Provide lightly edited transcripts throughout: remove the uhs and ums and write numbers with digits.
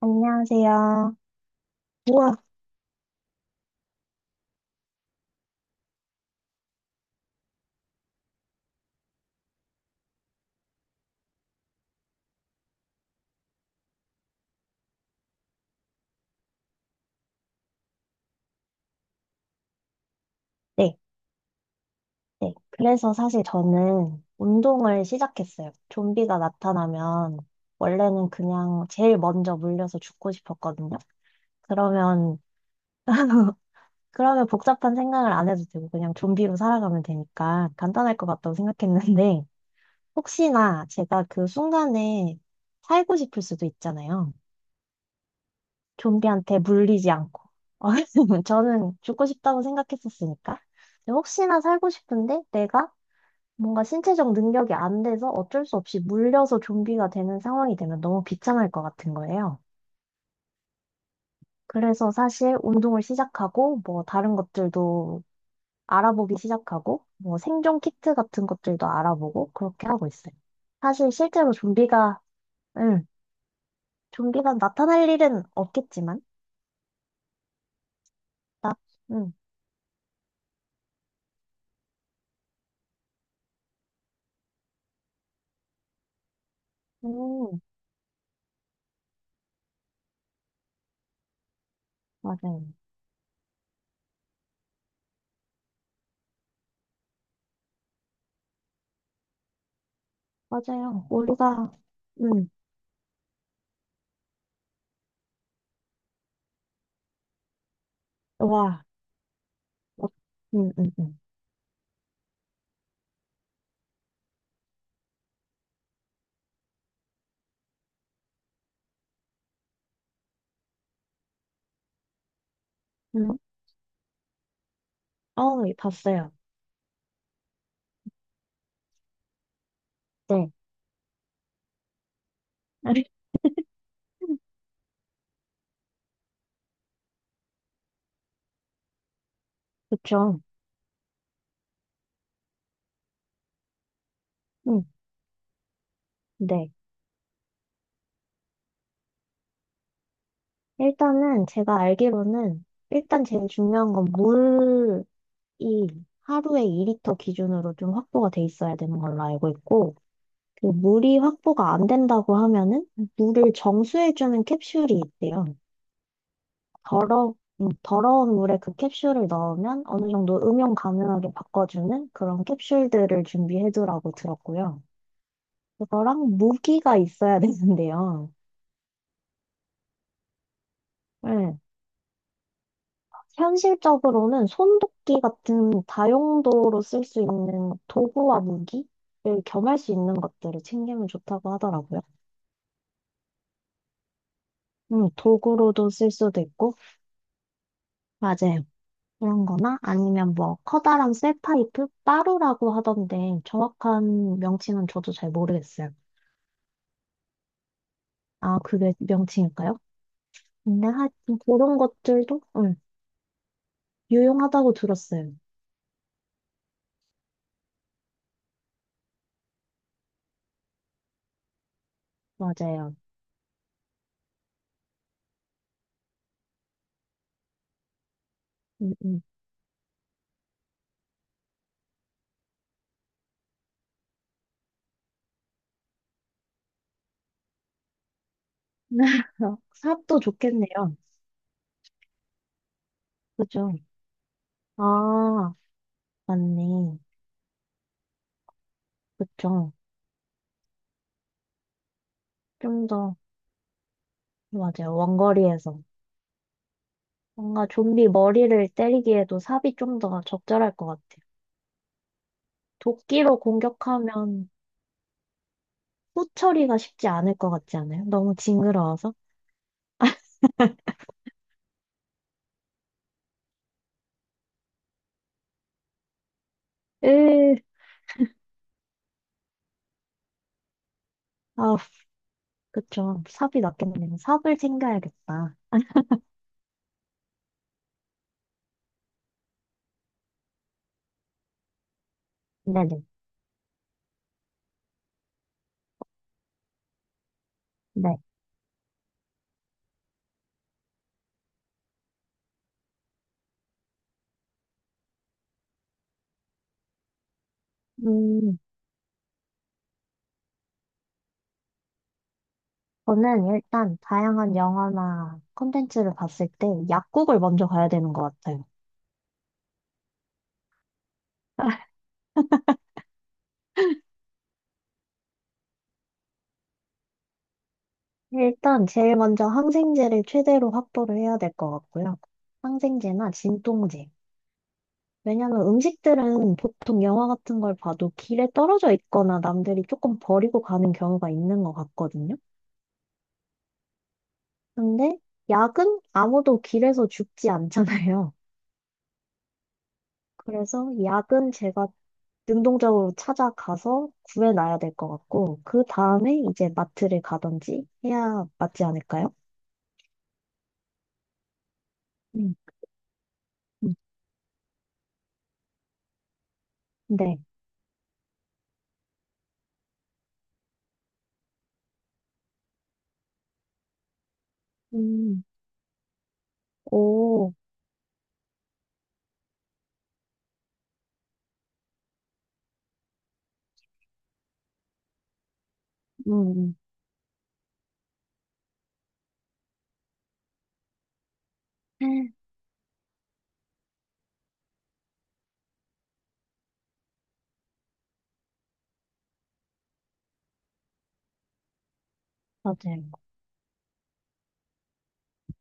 안녕하세요. 우와, 네, 네. 그래서 사실 저는 운동을 시작했어요. 좀비가 나타나면 원래는 그냥 제일 먼저 물려서 죽고 싶었거든요. 그러면, 그러면 복잡한 생각을 안 해도 되고 그냥 좀비로 살아가면 되니까 간단할 것 같다고 생각했는데 혹시나 제가 그 순간에 살고 싶을 수도 있잖아요. 좀비한테 물리지 않고. 저는 죽고 싶다고 생각했었으니까. 근데 혹시나 살고 싶은데 내가 뭔가 신체적 능력이 안 돼서 어쩔 수 없이 물려서 좀비가 되는 상황이 되면 너무 비참할 것 같은 거예요. 그래서 사실 운동을 시작하고 뭐 다른 것들도 알아보기 시작하고 뭐 생존 키트 같은 것들도 알아보고 그렇게 하고 있어요. 사실 실제로 응, 좀비가 나타날 일은 없겠지만 나, 응, 음, 맞아요. 맞아요. 우리가, 응. 와, 어, 응응, 음, 어, 예, 봤어요. 네. 그쵸. 음, 네. 일단은 제가 알기로는 일단 제일 중요한 건 물이 하루에 2리터 기준으로 좀 확보가 돼 있어야 되는 걸로 알고 있고 그 물이 확보가 안 된다고 하면은 물을 정수해주는 캡슐이 있대요. 더러, 더러운 물에 그 캡슐을 넣으면 어느 정도 음용 가능하게 바꿔주는 그런 캡슐들을 준비해두라고 들었고요. 그거랑 무기가 있어야 되는데요. 네. 현실적으로는 손도끼 같은 다용도로 쓸 수 있는 도구와 무기를 겸할 수 있는 것들을 챙기면 좋다고 하더라고요. 도구로도 쓸 수도 있고, 맞아요. 그런 거나 아니면 뭐 커다란 쇠파이프? 빠루라고 하던데 정확한 명칭은 저도 잘 모르겠어요. 아, 그게 명칭일까요? 근데 그런 것들도 유용하다고 들었어요. 맞아요. 음, 음. 삽도 좋겠네요. 그죠? 아, 맞네. 그쵸. 좀 더, 맞아요. 원거리에서. 뭔가 좀비 머리를 때리기에도 삽이 좀 더 적절할 것 같아요. 도끼로 공격하면 후 처리가 쉽지 않을 것 같지 않아요? 너무 징그러워서. 으, 아, 그쵸. 삽이 낫겠네요. 삽을 챙겨야겠다. 네네. 네. 네. 음, 저는 일단 다양한 영화나 콘텐츠를 봤을 때 약국을 먼저 가야 되는 것 같아요. 일단 제일 먼저 항생제를 최대로 확보를 해야 될 것 같고요. 항생제나 진통제. 왜냐하면 음식들은 보통 영화 같은 걸 봐도 길에 떨어져 있거나 남들이 조금 버리고 가는 경우가 있는 것 같거든요. 근데 약은 아무도 길에서 죽지 않잖아요. 그래서 약은 제가 능동적으로 찾아가서 구해놔야 될 것 같고, 그 다음에 이제 마트를 가든지 해야 맞지 않을까요? 음, 음. 네. 음, 오. 음, 음. 음, 맞아요.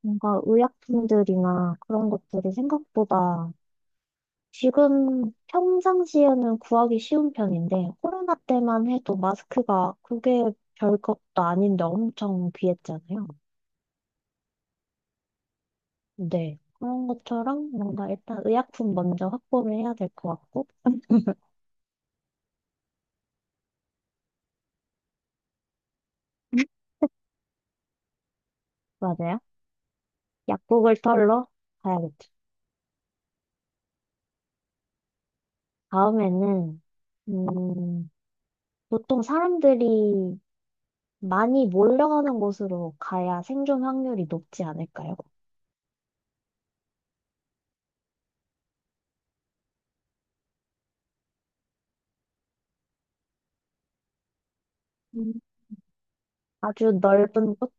뭔가 의약품들이나 그런 것들이 생각보다 지금 평상시에는 구하기 쉬운 편인데 코로나 때만 해도 마스크가 그게 별것도 아닌데 엄청 귀했잖아요. 네. 그런 것처럼 뭔가 일단 의약품 먼저 확보를 해야 될 것 같고 맞아요. 약국을 털러 가야겠죠. 다음에는 음, 보통 사람들이 많이 몰려가는 곳으로 가야 생존 확률이 높지 않을까요? 음, 아주 넓은 곳?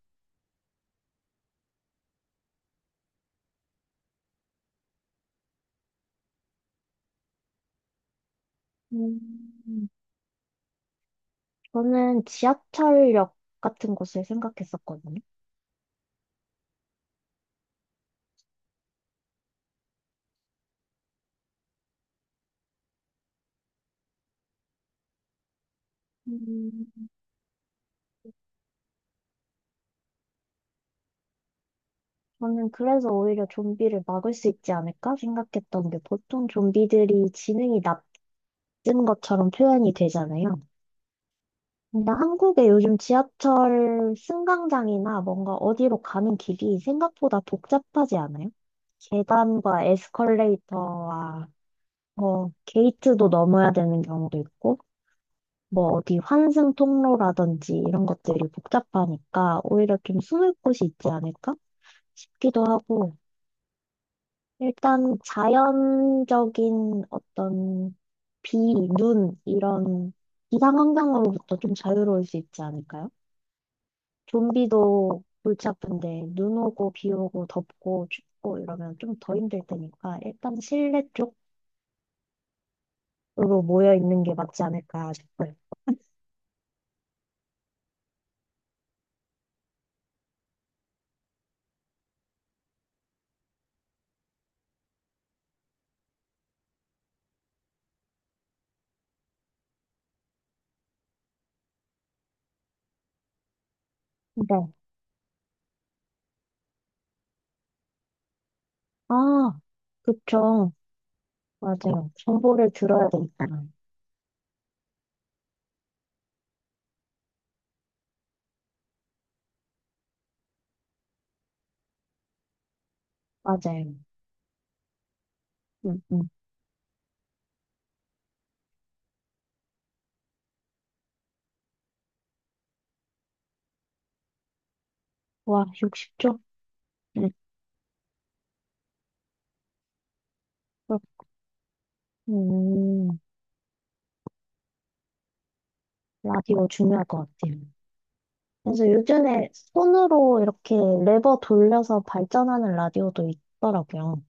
음, 저는 지하철역 같은 곳을 생각했었거든요. 음, 저는 그래서 오히려 좀비를 막을 수 있지 않을까 생각했던 게 보통 좀비들이 지능이 낮은 것처럼 표현이 되잖아요. 근데 한국의 요즘 지하철 승강장이나 뭔가 어디로 가는 길이 생각보다 복잡하지 않아요? 계단과 에스컬레이터와 뭐 게이트도 넘어야 되는 경우도 있고 뭐 어디 환승 통로라든지 이런 것들이 복잡하니까 오히려 좀 숨을 곳이 있지 않을까 싶기도 하고 일단 자연적인 어떤 비, 눈 이런 기상 환경으로부터 좀 자유로울 수 있지 않을까요? 좀비도 골치 아픈데 눈 오고 비 오고 덥고 춥고 이러면 좀 더 힘들 테니까 일단 실내 쪽으로 모여 있는 게 맞지 않을까 싶어요. 네. 아, 그쵸. 맞아요. 정보를 들어야 되니까. 맞아요. 음, 음. 와, 60초? 음, 그렇- 음, 라디오 중요할 것 같아요. 그래서 요즘에 손으로 이렇게 레버 돌려서 발전하는 라디오도 있더라고요.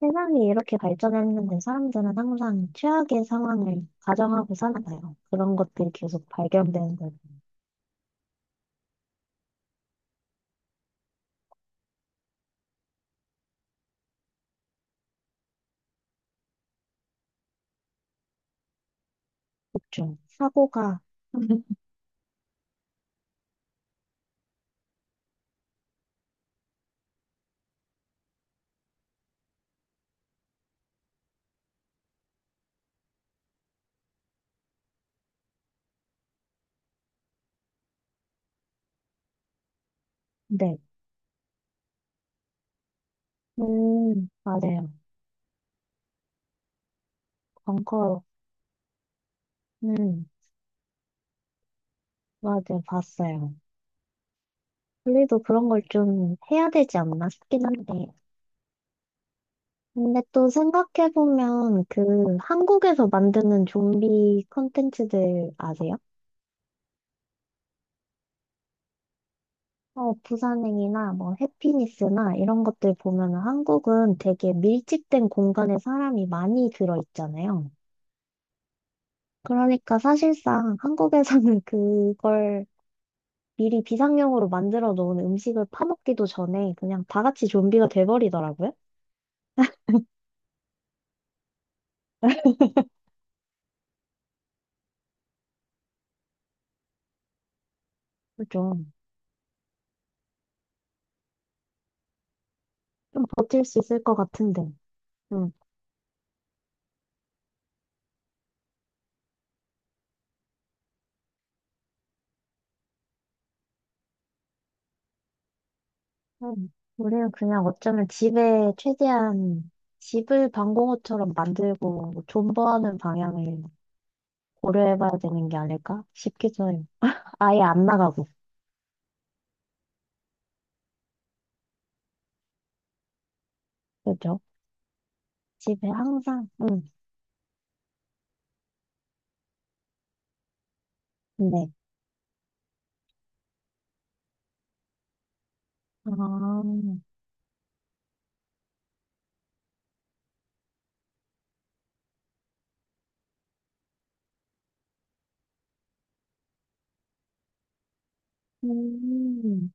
세상이 이렇게 발전했는데 사람들은 항상 최악의 상황을 가정하고 살아가요. 그런 것들이 계속 발견되는 거죠. 그렇죠, 사고가, 네. 맞아요. 벙커, 음, 맞아요. 봤어요. 우리도 그런 걸 좀 해야 되지 않나 싶긴 한데. 근데 또 생각해보면 그 한국에서 만드는 좀비 콘텐츠들 아세요? 어, 부산행이나 뭐 해피니스나 이런 것들 보면 한국은 되게 밀집된 공간에 사람이 많이 들어있잖아요. 그러니까 사실상 한국에서는 그걸 미리 비상용으로 만들어 놓은 음식을 파먹기도 전에 그냥 다 같이 좀비가 돼버리더라고요. 좀, 좀 버틸 수 있을 것 같은데. 음. 음, 우리는 그냥 어쩌면 집에 최대한 집을 방공호처럼 만들고 뭐 존버하는 방향을 고려해봐야 되는 게 아닐까 싶기도 해요. 아예 안 나가고, 그죠? 집에 항상, 응, 네. 아, 음,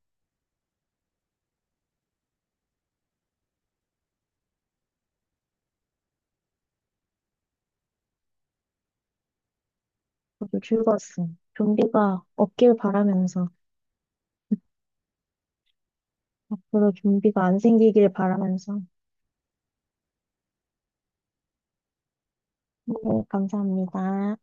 저도 즐거웠어. 좀비가 없길 바라면서, 앞으로 좀비가 안 생기길 바라면서. 네, 감사합니다.